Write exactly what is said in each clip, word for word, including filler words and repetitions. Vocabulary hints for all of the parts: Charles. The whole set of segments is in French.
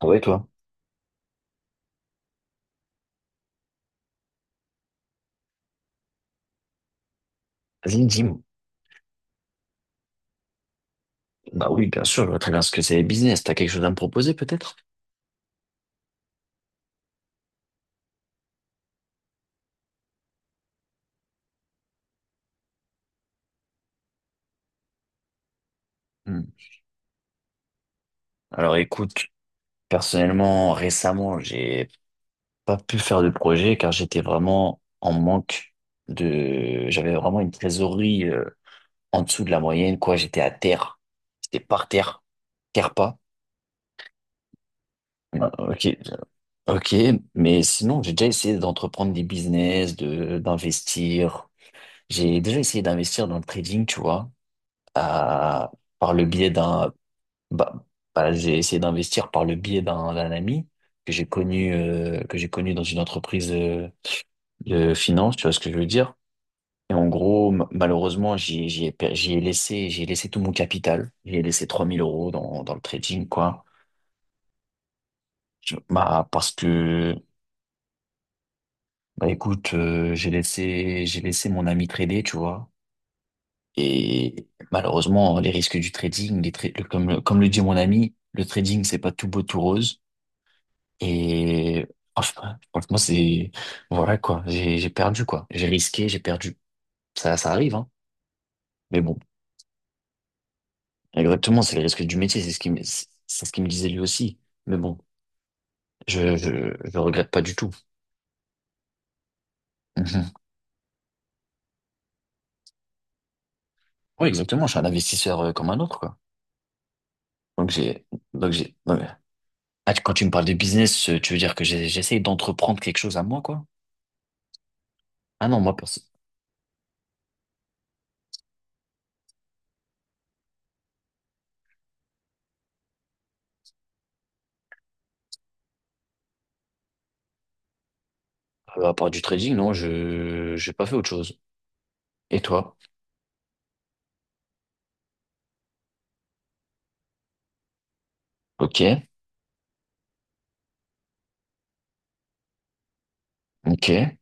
Ah ouais, toi? Vas-y, dis-moi. Bah oui, bien sûr, je vois très bien ce que c'est les business. T'as quelque chose à me proposer, peut-être? Hmm. Alors écoute, personnellement, récemment, j'ai pas pu faire de projet car j'étais vraiment en manque de... J'avais vraiment une trésorerie euh, en dessous de la moyenne, quoi. J'étais à terre. J'étais par terre. Terre pas. Ah, ok, ok, mais sinon j'ai déjà essayé d'entreprendre des business, de d'investir. J'ai déjà essayé d'investir dans le trading, tu vois, à- par le biais d'un. Bah, bah, j'ai essayé d'investir par le biais d'un d'un ami que j'ai connu euh, que j'ai connu dans une entreprise euh, de finance, tu vois ce que je veux dire? Et en gros, ma- malheureusement, j'y j'y ai, per- j'y ai laissé j'ai laissé tout mon capital. J'ai laissé trois mille euros dans dans le trading quoi. Je- bah parce que bah écoute, euh, j'ai laissé j'ai laissé mon ami trader, tu vois. Et malheureusement, les risques du trading, les tra- le- comme le- comme le dit mon ami, le trading c'est pas tout beau tout rose. Et oh, je sais pas franchement, c'est voilà quoi. J'ai j'ai perdu quoi. J'ai risqué, j'ai perdu. Ça ça arrive hein. Mais bon, exactement, c'est le risque du métier. C'est ce qui me c'est c'est ce qu'il me disait lui aussi. Mais bon, je je je regrette pas du tout. Mhm. Oui, exactement. Je suis un investisseur euh, comme un autre quoi. Donc j'ai donc j'ai non, mais- Ah, tu- quand tu me parles de business, euh, tu veux dire que j'ai- j'essaye d'entreprendre quelque chose à moi quoi? Ah non, moi perso- euh, à part du trading, non, je j'ai pas fait autre chose. Et toi? Ok, ok.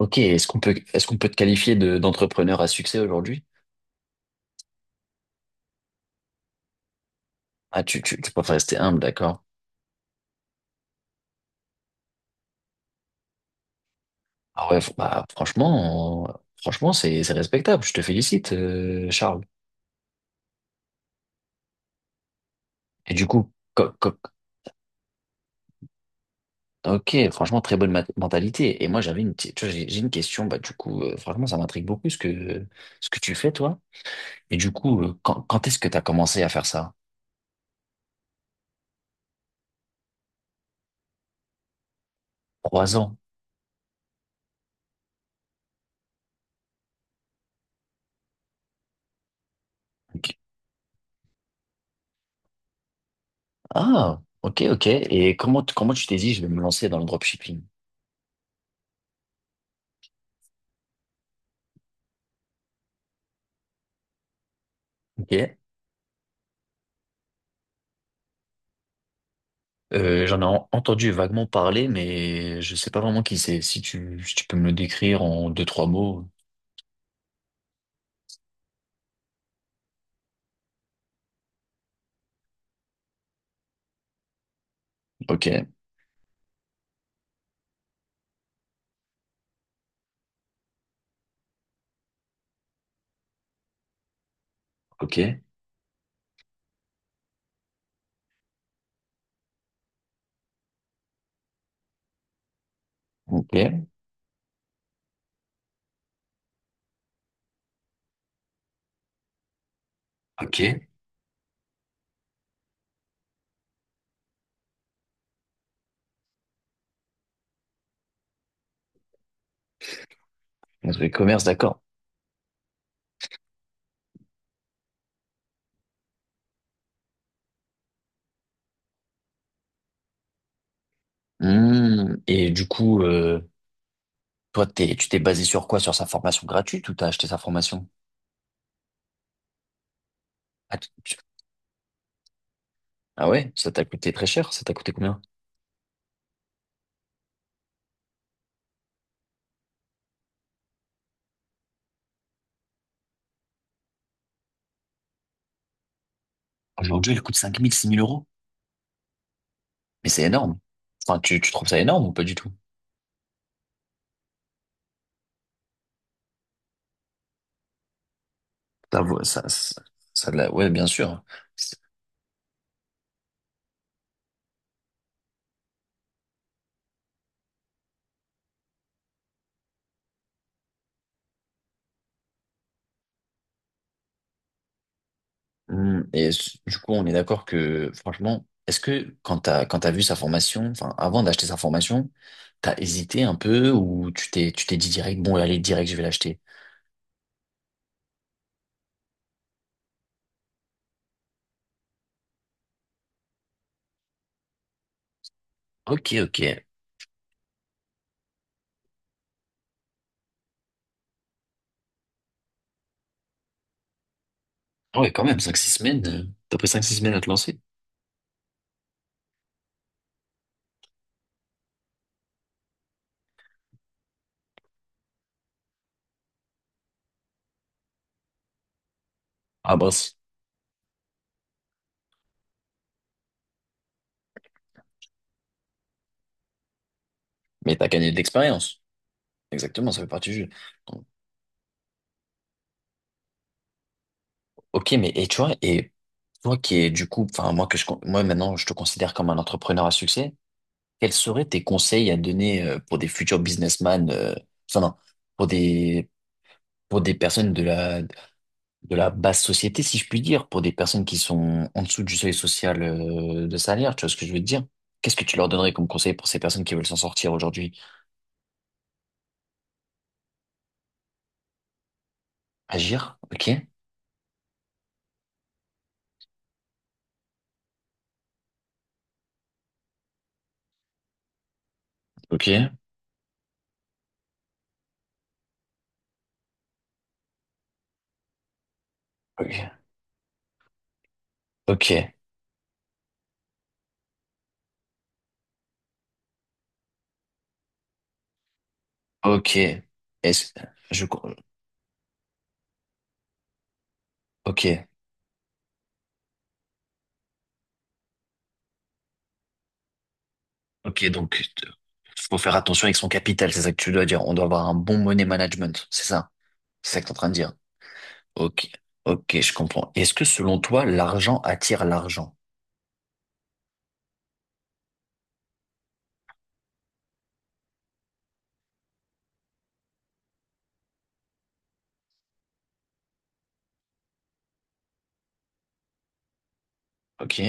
Ok, est-ce qu'on peut, est-ce qu'on peut te qualifier de, d'entrepreneur à succès aujourd'hui? Ah, tu, tu, tu préfères rester humble, d'accord. Ah ouais, f- bah, franchement, euh, franchement, c'est, c'est respectable. Je te félicite, euh, Charles. Et du coup, co- co- ok, franchement, très bonne mat- mentalité. Et moi, j'avais une, petite- tu vois, j'ai j'ai une question. Bah, du coup, euh, franchement, ça m'intrigue beaucoup ce que, ce que tu fais, toi. Et du coup, euh, quand, quand est-ce que tu as commencé à faire ça? Trois ans. Ok. Ah, ok, ok. Et comment, t- comment tu t'es dit, je vais me lancer dans le dropshipping? Ok. Euh, j'en ai en- entendu vaguement parler, mais je sais pas vraiment qui c'est. Si tu, si tu peux me le décrire en deux, trois mots. Ok, ok, ok, ok. Donc, le commerce, d'accord. Hmm, et du coup, euh, toi, t'es, tu t'es basé sur quoi? Sur sa formation gratuite ou t'as acheté sa formation? Ah, tu- tu- ah ouais, ça t'a coûté très cher. Ça t'a coûté combien? Aujourd'hui, elle coûte cinq mille six mille euros. Mais c'est énorme. Enfin, tu, tu trouves ça énorme ou pas du tout? Ça, vaut- ça, ça, ça, de la- ouais, bien sûr. Hmm, et s- du coup, on est d'accord que, franchement, est-ce que quand t'as, quand t'as vu sa formation, enfin, avant d'acheter sa formation, t'as hésité un peu ou tu t'es, tu t'es dit direct, bon, allez, direct, je vais l'acheter. Ok, ok. Ah ouais, quand même, cinq six semaines. euh, T'as pris cinq six semaines à te lancer. Ah, mince. Mais t'as gagné de l'expérience. Exactement, ça fait partie du jeu. Donc, ok, mais, et tu vois, et toi qui es, du coup, enfin, moi que je, con- moi maintenant, je te considère comme un entrepreneur à succès, quels seraient tes conseils à donner euh, pour des futurs businessmen, euh, enfin, non, pour des pour des personnes de la, de la basse société, si je puis dire, pour des personnes qui sont en dessous du seuil social euh, de salaire, tu vois ce que je veux te dire? Qu'est-ce que tu leur donnerais comme conseil pour ces personnes qui veulent s'en sortir aujourd'hui? Agir? Ok? Ok? Ok? Ok? Ok? Est-ce, je, ok? Ok, donc, faut faire attention avec son capital, c'est ça que tu dois dire. On doit avoir un bon money management, c'est ça? C'est ça que tu es en train de dire. Ok? Ok, je comprends. Est-ce que selon toi, l'argent attire l'argent? Ok?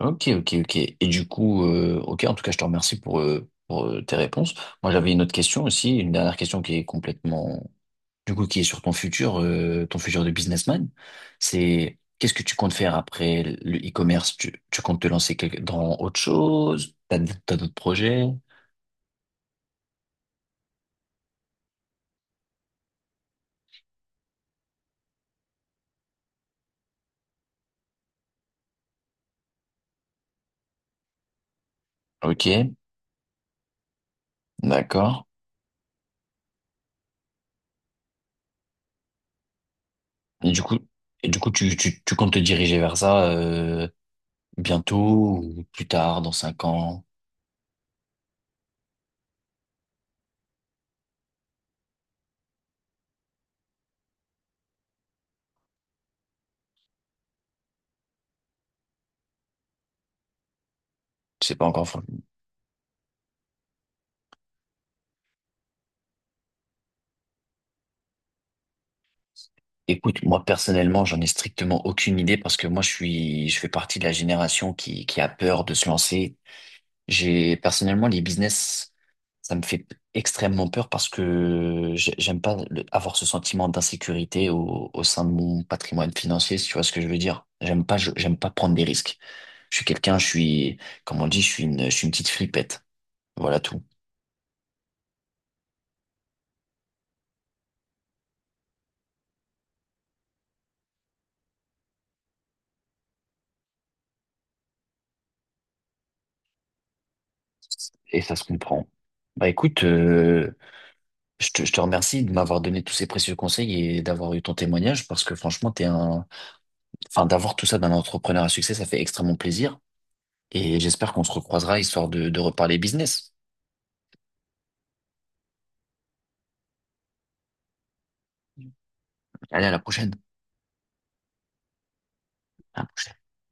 Ok, ok, ok. Et du coup, euh, ok, en tout cas, je te remercie pour, euh, pour euh, tes réponses. Moi, j'avais une autre question aussi, une dernière question qui est complètement, du coup, qui est sur ton futur, euh, ton futur de businessman. C'est qu'est-ce que tu comptes faire après le e-commerce? Tu, tu comptes te lancer quelque- dans autre chose? T'as, d- t'as d'autres projets? Ok, d'accord. Et du coup, et du coup, tu, tu, tu comptes te diriger vers ça, euh, bientôt ou plus tard, dans cinq ans? Je sais pas encore. Écoute, moi personnellement, j'en ai strictement aucune idée parce que moi je suis, je fais partie de la génération qui, qui a peur de se lancer. J'ai personnellement les business, ça me fait extrêmement peur parce que j'ai- j'aime pas le- avoir ce sentiment d'insécurité au, au sein de mon patrimoine financier, si tu vois ce que je veux dire. J'aime pas, je- j'aime pas prendre des risques. Je suis quelqu'un, je suis, comme on dit, je suis une, je suis une petite flippette. Voilà tout. Et ça se comprend. Bah écoute, euh, je te, je te remercie de m'avoir donné tous ces précieux conseils et d'avoir eu ton témoignage parce que franchement, t'es un, enfin, d'avoir tout ça d'un entrepreneur à succès, ça fait extrêmement plaisir et j'espère qu'on se recroisera histoire de, de reparler business. Allez, à la prochaine. À la prochaine.